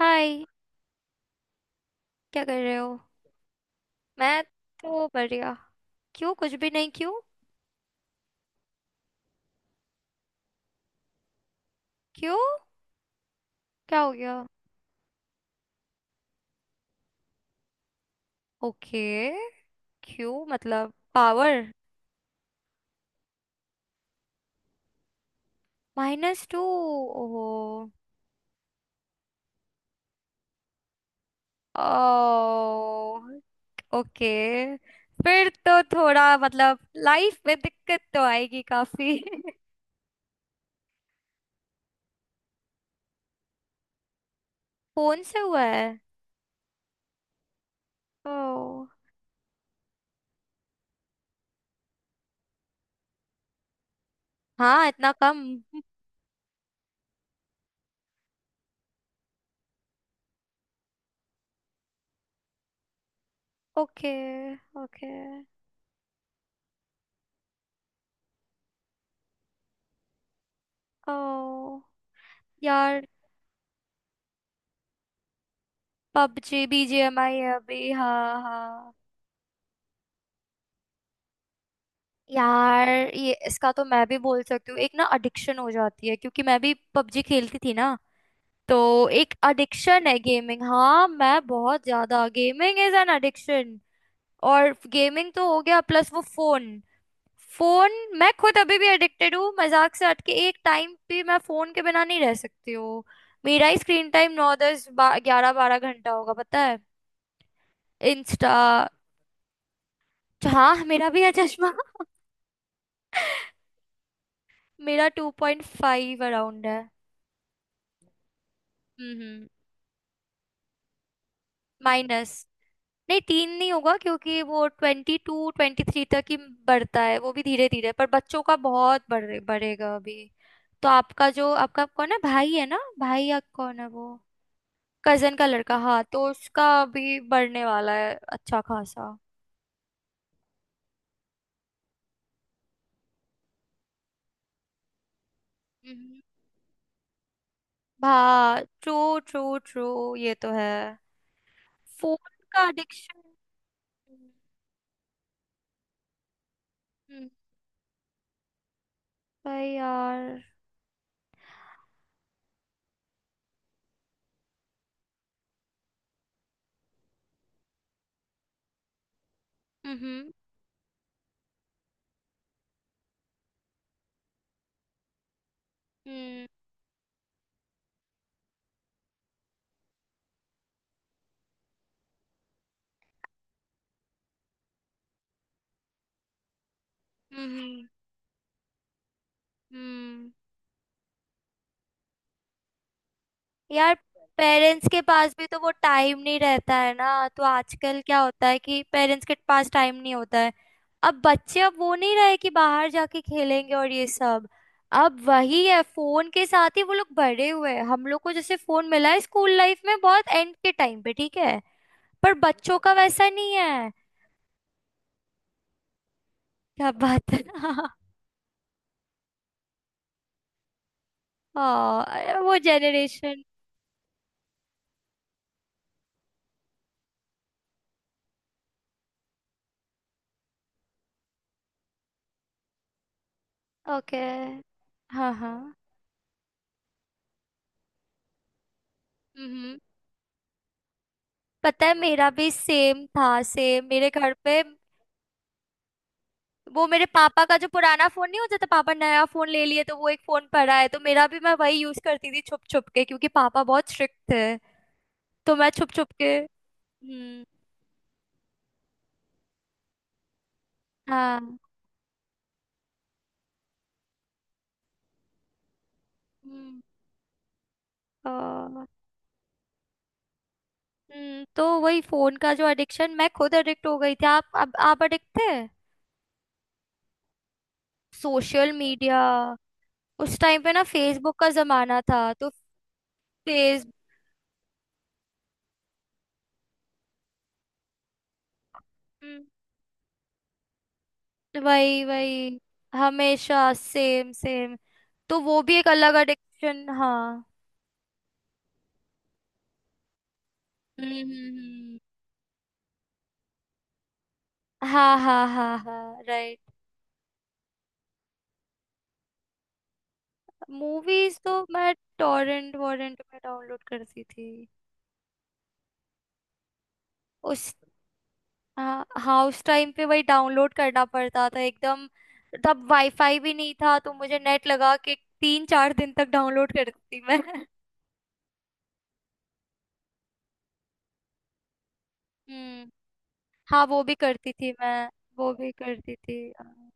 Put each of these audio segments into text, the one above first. हाय। क्या कर रहे हो? मैं तो बढ़िया। क्यों, कुछ भी नहीं क्यों? क्यों, क्या हो गया? ओके। क्यों, मतलब पावर? -2? ओहो। ओ, ओके। फिर तो थोड़ा मतलब लाइफ में दिक्कत तो आएगी काफी। फोन से हुआ है? ओ। हाँ इतना कम? Okay, okay. ओ, यार। पबजी बीजीएमआई है अभी, हाँ हाँ। यार, ये इसका तो मैं भी बोल सकती हूँ, एक ना एडिक्शन हो जाती है क्योंकि मैं भी पबजी खेलती थी ना। तो एक एडिक्शन है गेमिंग, हाँ। मैं बहुत ज्यादा, गेमिंग इज एन एडिक्शन। और गेमिंग तो हो गया, प्लस वो फोन। फोन। मैं खुद अभी भी एडिक्टेड हूँ, मजाक से हट के एक टाइम भी मैं फोन के बिना नहीं रह सकती हूँ। मेरा ही स्क्रीन टाइम नौ दस ग्यारह बारह घंटा होगा, पता है। इंस्टा। हाँ मेरा भी है चश्मा। मेरा 2.5 अराउंड है। हम्म। माइनस। नहीं तीन नहीं होगा क्योंकि वो 22 23 तक ही बढ़ता है, वो भी धीरे धीरे, पर बच्चों का बहुत बढ़े, बढ़ेगा अभी। तो आपका जो, आपका कौन है भाई? है ना, भाई या कौन है वो? कजन का लड़का, हाँ, तो उसका अभी बढ़ने वाला है अच्छा खासा। हम्म। भा, ट्रू, ट्रू ट्रू, ये तो है। फोन का एडिक्शन। भाई यार। हम्म हम्म हम्म हम्म। यार, पेरेंट्स के पास भी तो वो टाइम नहीं रहता है ना, तो आजकल क्या होता है कि पेरेंट्स के पास टाइम नहीं होता है। अब बच्चे, अब वो नहीं रहे कि बाहर जाके खेलेंगे और ये सब। अब वही है, फोन के साथ ही वो लोग बड़े हुए हैं। हम लोग को जैसे फोन मिला है स्कूल लाइफ में बहुत एंड के टाइम पे, ठीक है। पर बच्चों का वैसा नहीं है। क्या बात है। हाँ, वो जेनरेशन। ओके। हाँ हाँ, पता है मेरा भी सेम था, सेम मेरे घर पे। वो मेरे पापा का जो पुराना फोन, नहीं हो जाता पापा नया फोन ले लिए तो वो एक फोन पड़ा है, तो मेरा भी, मैं वही यूज करती थी छुप छुप के क्योंकि पापा बहुत स्ट्रिक्ट थे। तो मैं छुप छुप के। हम्म। हाँ। हम्म। अ, तो वही फोन का जो एडिक्शन, मैं खुद एडिक्ट हो गई थी, आप अब, आप एडिक्ट थे। Social media. उस टाइम पे ना फेसबुक का जमाना था तो। फेस। वही वही, हमेशा सेम सेम। तो वो भी एक अलग एडिक्शन, हाँ। हम्म हम्म हम्म। हाँ हाँ हाँ हाँ, राइट। मूवीज तो मैं टॉरेंट वॉरेंट में डाउनलोड करती थी। उस, हाँ हाँ, उस टाइम पे वही डाउनलोड करना पड़ता था एकदम। तब वाईफाई भी नहीं था तो मुझे नेट लगा के 3 4 दिन तक डाउनलोड करती थी मैं। हम्म। हाँ, वो भी करती थी मैं। वो भी करती थी, हाँ।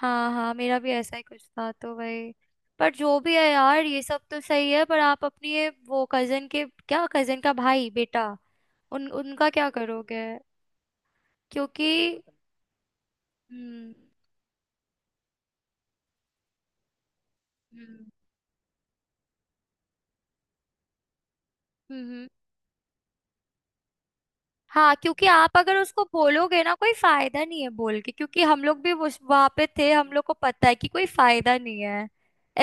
हाँ हाँ, मेरा भी ऐसा ही कुछ था, तो भाई, पर जो भी है यार, ये सब तो सही है, पर आप अपनी ये, वो कजन के क्या, कजन का भाई बेटा, उन उनका क्या करोगे? क्योंकि, हम्म हम्म हम्म, हाँ, क्योंकि आप अगर उसको बोलोगे ना कोई फायदा नहीं है बोल के, क्योंकि हम लोग भी उस वहां पे थे, हम लोग को पता है कि कोई फायदा नहीं है,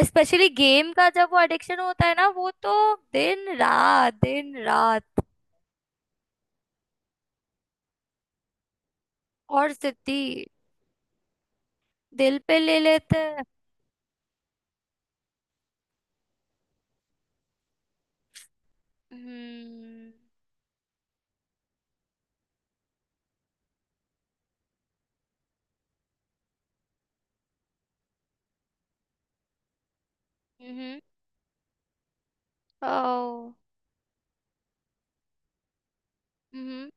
स्पेशली गेम का जब वो एडिक्शन होता है ना, वो तो दिन रात दिन रात। और सिद्धि, दिल पे ले लेते हैं। हम्म हम्म। ओ। हम्म।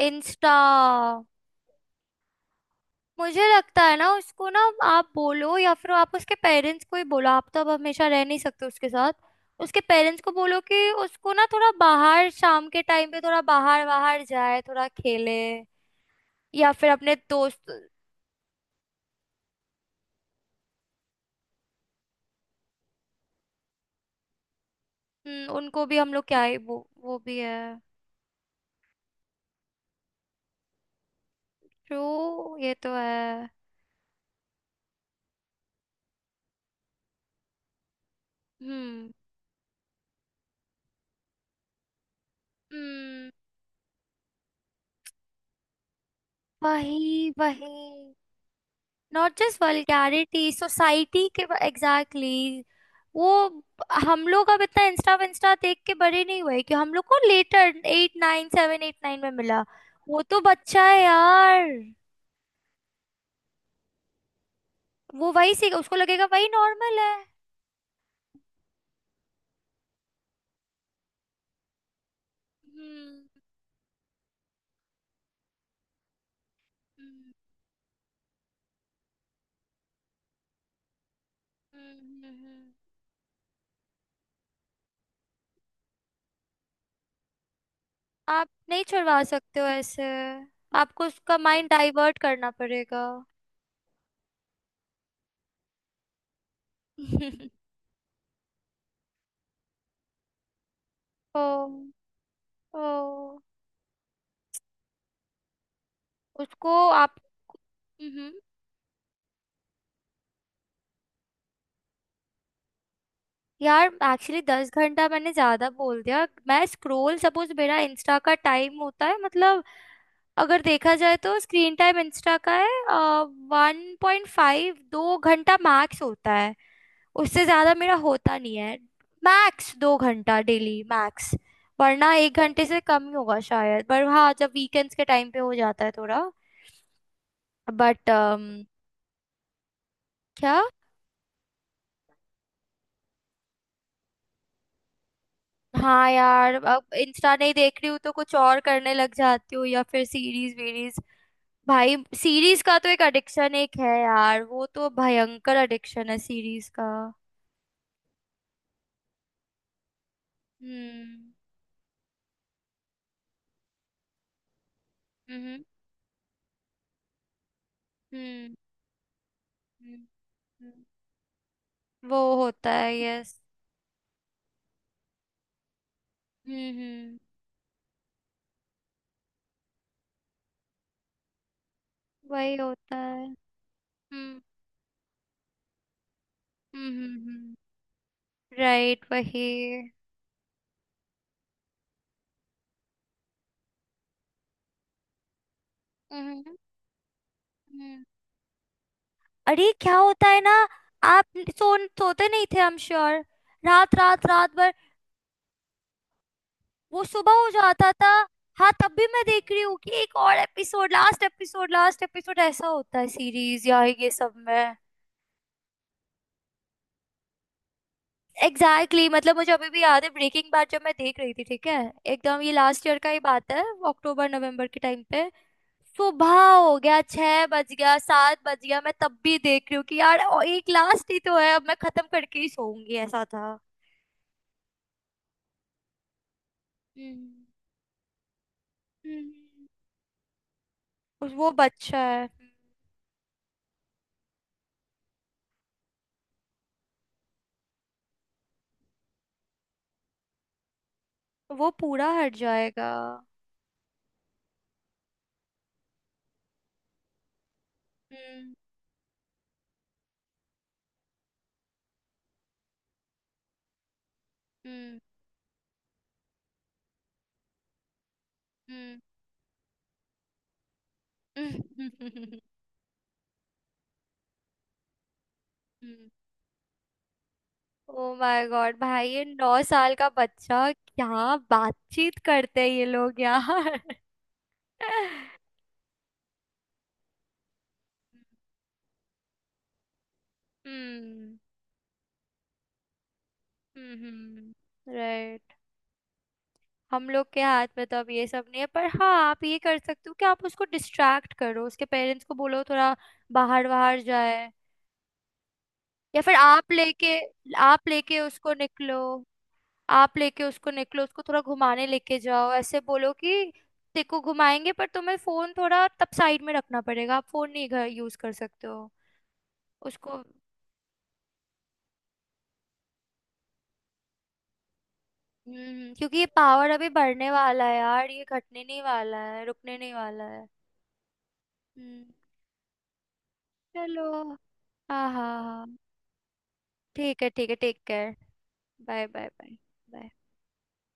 इंस्टा। मुझे लगता है ना उसको ना, आप बोलो या फिर आप उसके पेरेंट्स को ही बोलो, आप तो अब हमेशा रह नहीं सकते उसके साथ। उसके पेरेंट्स को बोलो कि उसको ना थोड़ा बाहर, शाम के टाइम पे थोड़ा बाहर बाहर जाए, थोड़ा खेले या फिर अपने दोस्त। उनको भी, हम लोग क्या ही, वो भी है। ट्रू, ये तो है। हम्म हम्म। वही वही। नॉट जस्ट वल्गैरिटी, सोसाइटी के, एग्जैक्टली, exactly, वो हम लोग अब इतना इंस्टा विंस्टा देख के बड़े नहीं हुए, कि हम लोग को later, eight nine seven eight nine में मिला। वो तो बच्चा है यार। वो वही सीख, उसको लगेगा वही नॉर्मल है। हम्म, हम्म, हम्म, हम्म। आप नहीं छुड़वा सकते हो ऐसे। आपको उसका माइंड डाइवर्ट करना पड़ेगा। ओ। ओ। उसको, आप। हम्म। यार एक्चुअली 10 घंटा मैंने ज्यादा बोल दिया, मैं स्क्रोल सपोज मेरा इंस्टा का टाइम होता है मतलब, अगर देखा जाए तो स्क्रीन टाइम इंस्टा का है 1.5, 2 घंटा मैक्स होता है। उससे ज्यादा मेरा होता नहीं है। मैक्स 2 घंटा, डेली मैक्स। वरना एक घंटे से कम ही होगा शायद, पर हाँ जब वीकेंड्स के टाइम पे हो जाता है थोड़ा। बट क्या। हाँ यार, अब इंस्टा नहीं देख रही हूँ तो कुछ और करने लग जाती हूँ, या फिर सीरीज वीरीज। भाई, सीरीज का तो एक एडिक्शन एक है यार, वो तो भयंकर एडिक्शन है सीरीज का। हम्म हम्म हम्म हम्म, हम्म। वो होता है, यस। हम्म। वही होता है। हम्म हम्म हम्म, राइट, वही। हम्म हम्म। अरे क्या होता है ना, आप सोते नहीं थे, आई एम श्योर, रात रात रात भर, वो सुबह हो जाता था। हाँ तब भी मैं देख रही हूँ कि एक और episode, last episode, last episode, ऐसा होता है सीरीज या ये सब में। एग्जैक्टली, exactly, मतलब मुझे अभी भी याद है, ब्रेकिंग बैड जब मैं देख रही थी ठीक है, एकदम ये लास्ट ईयर का ही बात है, अक्टूबर नवंबर के टाइम पे, सुबह हो गया छह बज गया सात बज गया, मैं तब भी देख रही हूँ कि यार और एक लास्ट ही तो है, अब मैं खत्म करके ही सोऊंगी, ऐसा था। हम्म हम्म। वो बच्चा है, वो पूरा हट जाएगा। हम्म हम्म। हम्म। ओ माय गॉड भाई, ये 9 साल का बच्चा, क्या बातचीत करते हैं ये लोग यार। हम्म हम्म, राइट। हम लोग के हाथ में तो अब ये सब नहीं है, पर हाँ आप ये कर सकते हो कि आप उसको डिस्ट्रैक्ट करो, उसके पेरेंट्स को बोलो थोड़ा बाहर बाहर जाए, या फिर आप लेके उसको निकलो। आप लेके उसको निकलो, उसको थोड़ा घुमाने लेके जाओ, ऐसे बोलो कि देखो घुमाएंगे पर तुम्हें फोन थोड़ा तब साइड में रखना पड़ेगा, आप फोन नहीं घर यूज कर सकते हो उसको। हम्म, क्योंकि ये पावर अभी बढ़ने वाला है यार, ये घटने नहीं वाला है, रुकने नहीं वाला है। हम्म। चलो, हाँ हाँ हाँ, ठीक है ठीक है, take care, bye bye bye bye.